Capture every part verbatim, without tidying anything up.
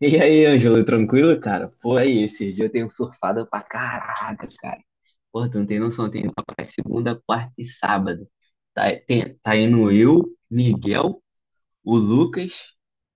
E aí, Ângelo, tranquilo, cara? Pô, aí, esses dias eu tenho surfado pra caraca, cara. Pô, tu não tem noção, tem segunda, quarta e sábado. Tá, tem- tá indo eu, Miguel, o Lucas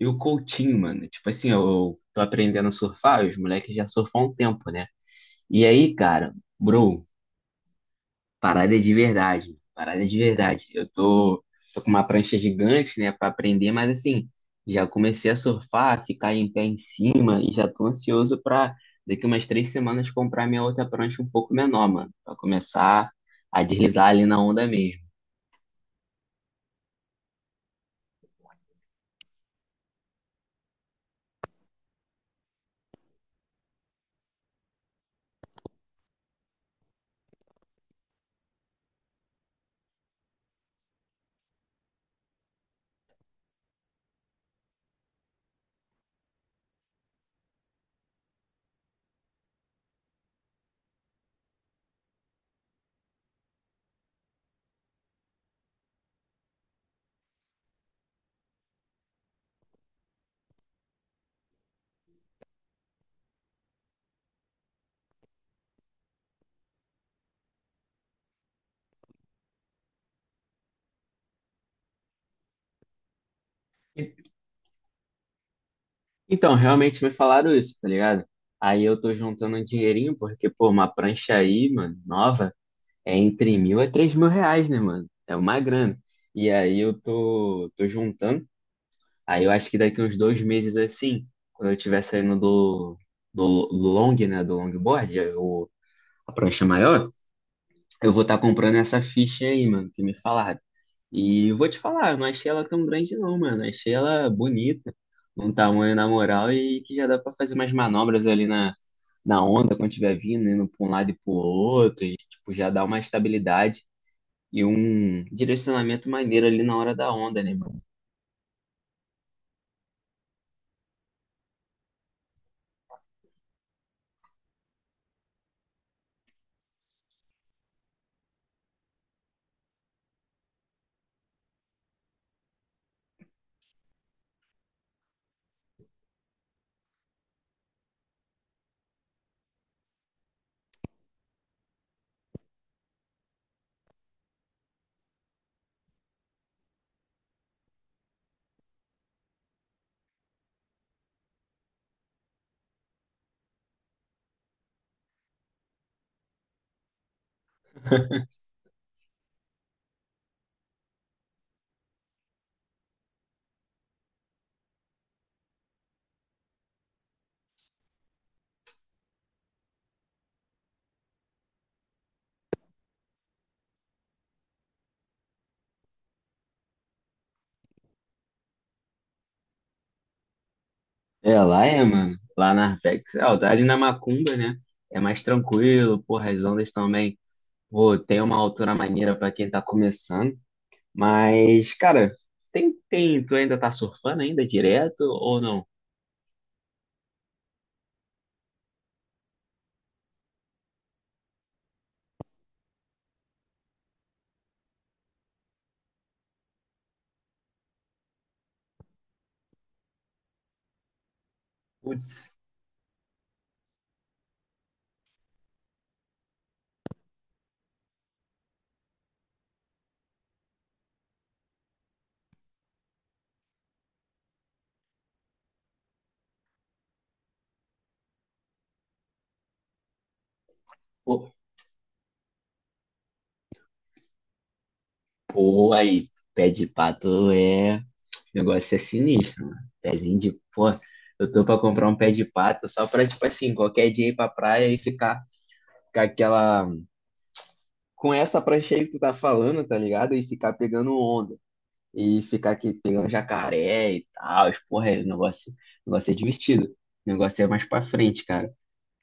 e o Coutinho, mano. Tipo assim, eu tô aprendendo a surfar, os moleques já surfam há um tempo, né? E aí, cara, bro, parada de verdade, parada de verdade. Eu tô, tô com uma prancha gigante, né, pra aprender, mas assim, já comecei a surfar, ficar em pé em cima e já tô ansioso pra daqui umas três semanas comprar minha outra prancha um pouco menor, mano, pra começar a deslizar ali na onda mesmo. E- Então, realmente me falaram isso, tá ligado? Aí eu tô juntando um dinheirinho, porque, pô, uma prancha aí, mano, nova, é entre mil a três mil reais, né, mano? É uma grana. E aí eu tô, tô juntando. Aí eu acho que daqui uns dois meses assim, quando eu estiver saindo do, do, do long, né, do longboard, é o, a prancha maior, eu vou estar comprando essa ficha aí, mano, que me falaram. E eu vou te falar, não achei ela tão grande não, mano. Achei ela bonita, um tamanho na moral e que já dá pra fazer umas manobras ali na, na onda quando estiver vindo, indo pra um lado e pro outro, e tipo, já dá uma estabilidade e um direcionamento maneiro ali na hora da onda, né? É, lá é, mano. Lá na Arpex, é, ali na Macumba, né? É mais tranquilo, porra, as ondas também. Pô, tem uma altura maneira pra quem tá começando. Mas, cara, tem, tem, tu ainda tá surfando ainda direto ou não? Putz, pô, pô, aí, pé de pato é. O negócio é sinistro, mano. Pezinho de. Pô, eu tô pra comprar um pé de pato só pra, tipo assim, qualquer dia ir pra praia e ficar com aquela. Com essa prancha aí que tu tá falando, tá ligado? E ficar pegando onda, e ficar aqui pegando jacaré e tal. As Porra, é, o negócio, o negócio é divertido. O negócio é mais pra frente, cara.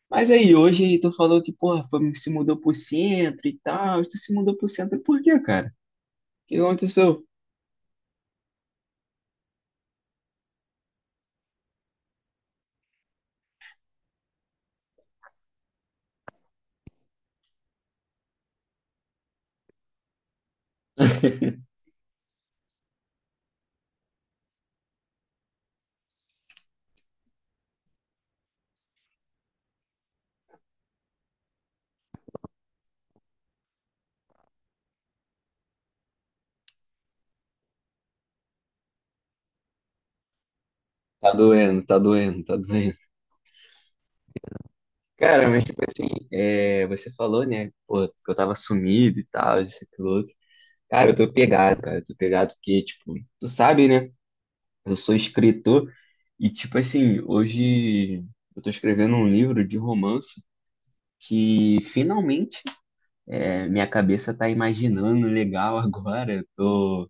Mas aí, hoje tu falou que, porra, foi, se mudou pro centro e tal. Tu se mudou pro centro por quê, cara? O que aconteceu? Tá doendo, tá doendo, tá doendo. Cara, mas tipo assim, é, você falou, né, pô, que eu tava sumido e tal, isso, e aquilo outro. Cara, eu tô pegado, cara, eu tô pegado porque, tipo, tu sabe, né? Eu sou escritor e, tipo assim, hoje eu tô escrevendo um livro de romance que finalmente é, minha cabeça tá imaginando legal agora. Eu tô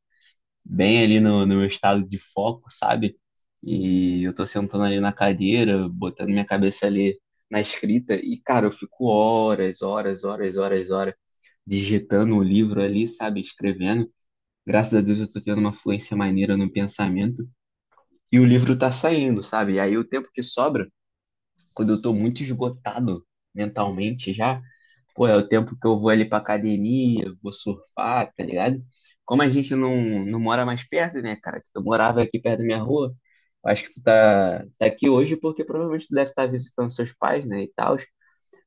bem ali no, no meu estado de foco, sabe? E eu tô sentando ali na cadeira, botando minha cabeça ali na escrita e, cara, eu fico horas, horas, horas, horas, horas digitando o livro ali, sabe? Escrevendo. Graças a Deus eu tô tendo uma fluência maneira no pensamento e o livro tá saindo, sabe? E aí o tempo que sobra, quando eu tô muito esgotado mentalmente já, pô, é o tempo que eu vou ali pra academia, vou surfar, tá ligado? Como a gente não, não mora mais perto, né, cara? Que tu morava aqui perto da minha rua, eu acho que tu tá, tá aqui hoje porque provavelmente tu deve estar visitando seus pais, né, e tal.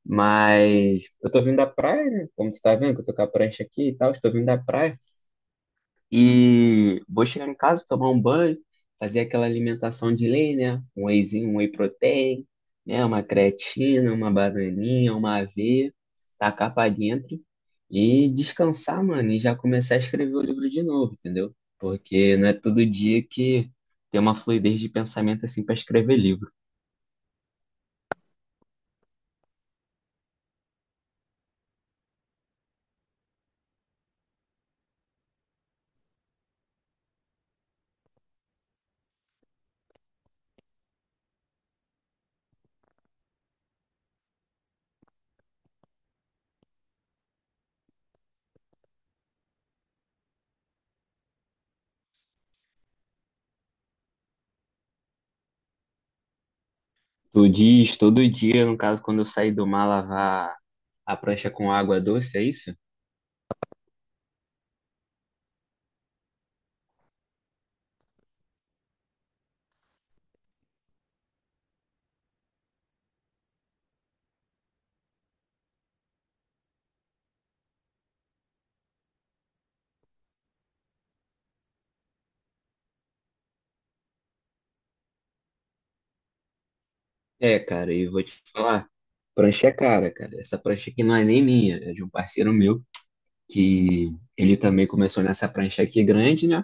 Mas eu tô vindo da praia, né? Como tu tá vendo, que eu tô com a prancha aqui e tal, estou vindo da praia. E vou chegar em casa, tomar um banho, fazer aquela alimentação de lei, né? Um wheyzinho, um whey protein, né? Uma creatina, uma bananinha, uma aveia, tacar pra dentro e descansar, mano, e já começar a escrever o livro de novo, entendeu? Porque não é todo dia que tem uma fluidez de pensamento assim para escrever livro. Tu diz todo dia, no caso, quando eu sair do mar lavar a prancha com água doce, é isso? É, cara, e vou te falar, prancha é cara, cara. Essa prancha aqui não é nem minha, é de um parceiro meu, que ele também começou nessa prancha aqui grande, né?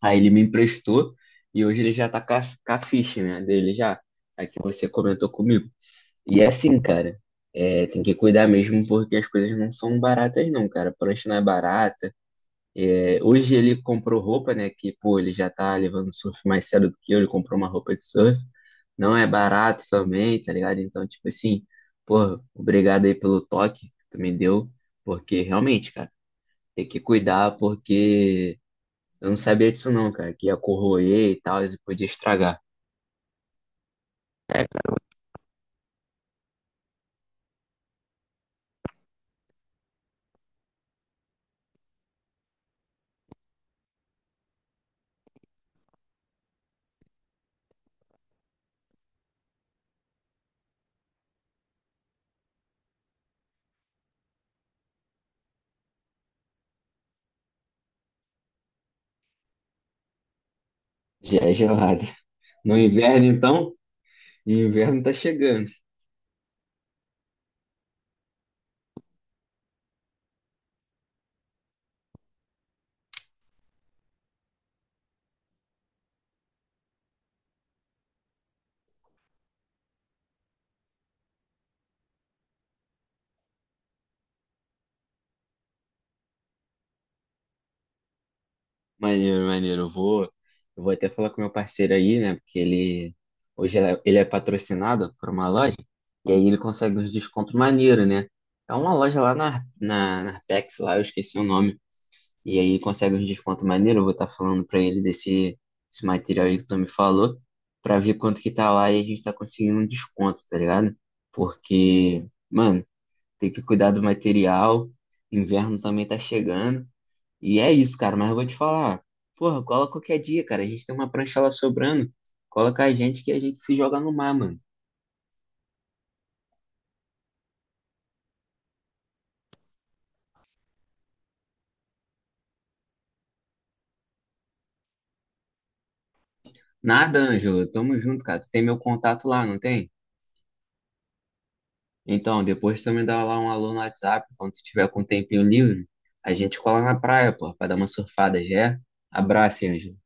Aí ele me emprestou e hoje ele já tá com a, com a ficha, né, dele já, a que você comentou comigo. E é assim, cara, é, tem que cuidar mesmo porque as coisas não são baratas não, cara. Prancha não é barata. é, Hoje ele comprou roupa, né? Que, pô, ele já tá levando surf mais cedo do que eu. Ele comprou uma roupa de surf. Não é barato também, tá ligado? Então, tipo assim, pô, obrigado aí pelo toque que tu me deu. Porque realmente, cara, tem que cuidar porque eu não sabia disso não, cara. Que ia corroer e tal, e podia estragar. Já é gelado. No inverno, então, e o inverno tá chegando. Maneiro, maneiro. Eu vou, eu vou até falar com meu parceiro aí, né? Porque ele hoje ele é ele é patrocinado por uma loja e aí ele consegue uns descontos maneiro, né? É uma loja lá na, na, na Arpex, lá, eu esqueci o nome. E aí consegue uns descontos maneiro. Eu vou estar falando pra ele desse esse material aí que tu me falou, pra ver quanto que tá lá e a gente tá conseguindo um desconto, tá ligado? Porque, mano, tem que cuidar do material. Inverno também tá chegando. E é isso, cara, mas eu vou te falar. Porra, cola qualquer dia, cara. A gente tem uma prancha lá sobrando. Cola com a gente que a gente se joga no mar, mano. Nada, Ângelo. Tamo junto, cara. Tu tem meu contato lá, não tem? Então, depois tu me dá lá um alô no WhatsApp, quando tu tiver com um tempinho livre, a gente cola na praia, porra, pra dar uma surfada, já é? Abraço, Ângelo.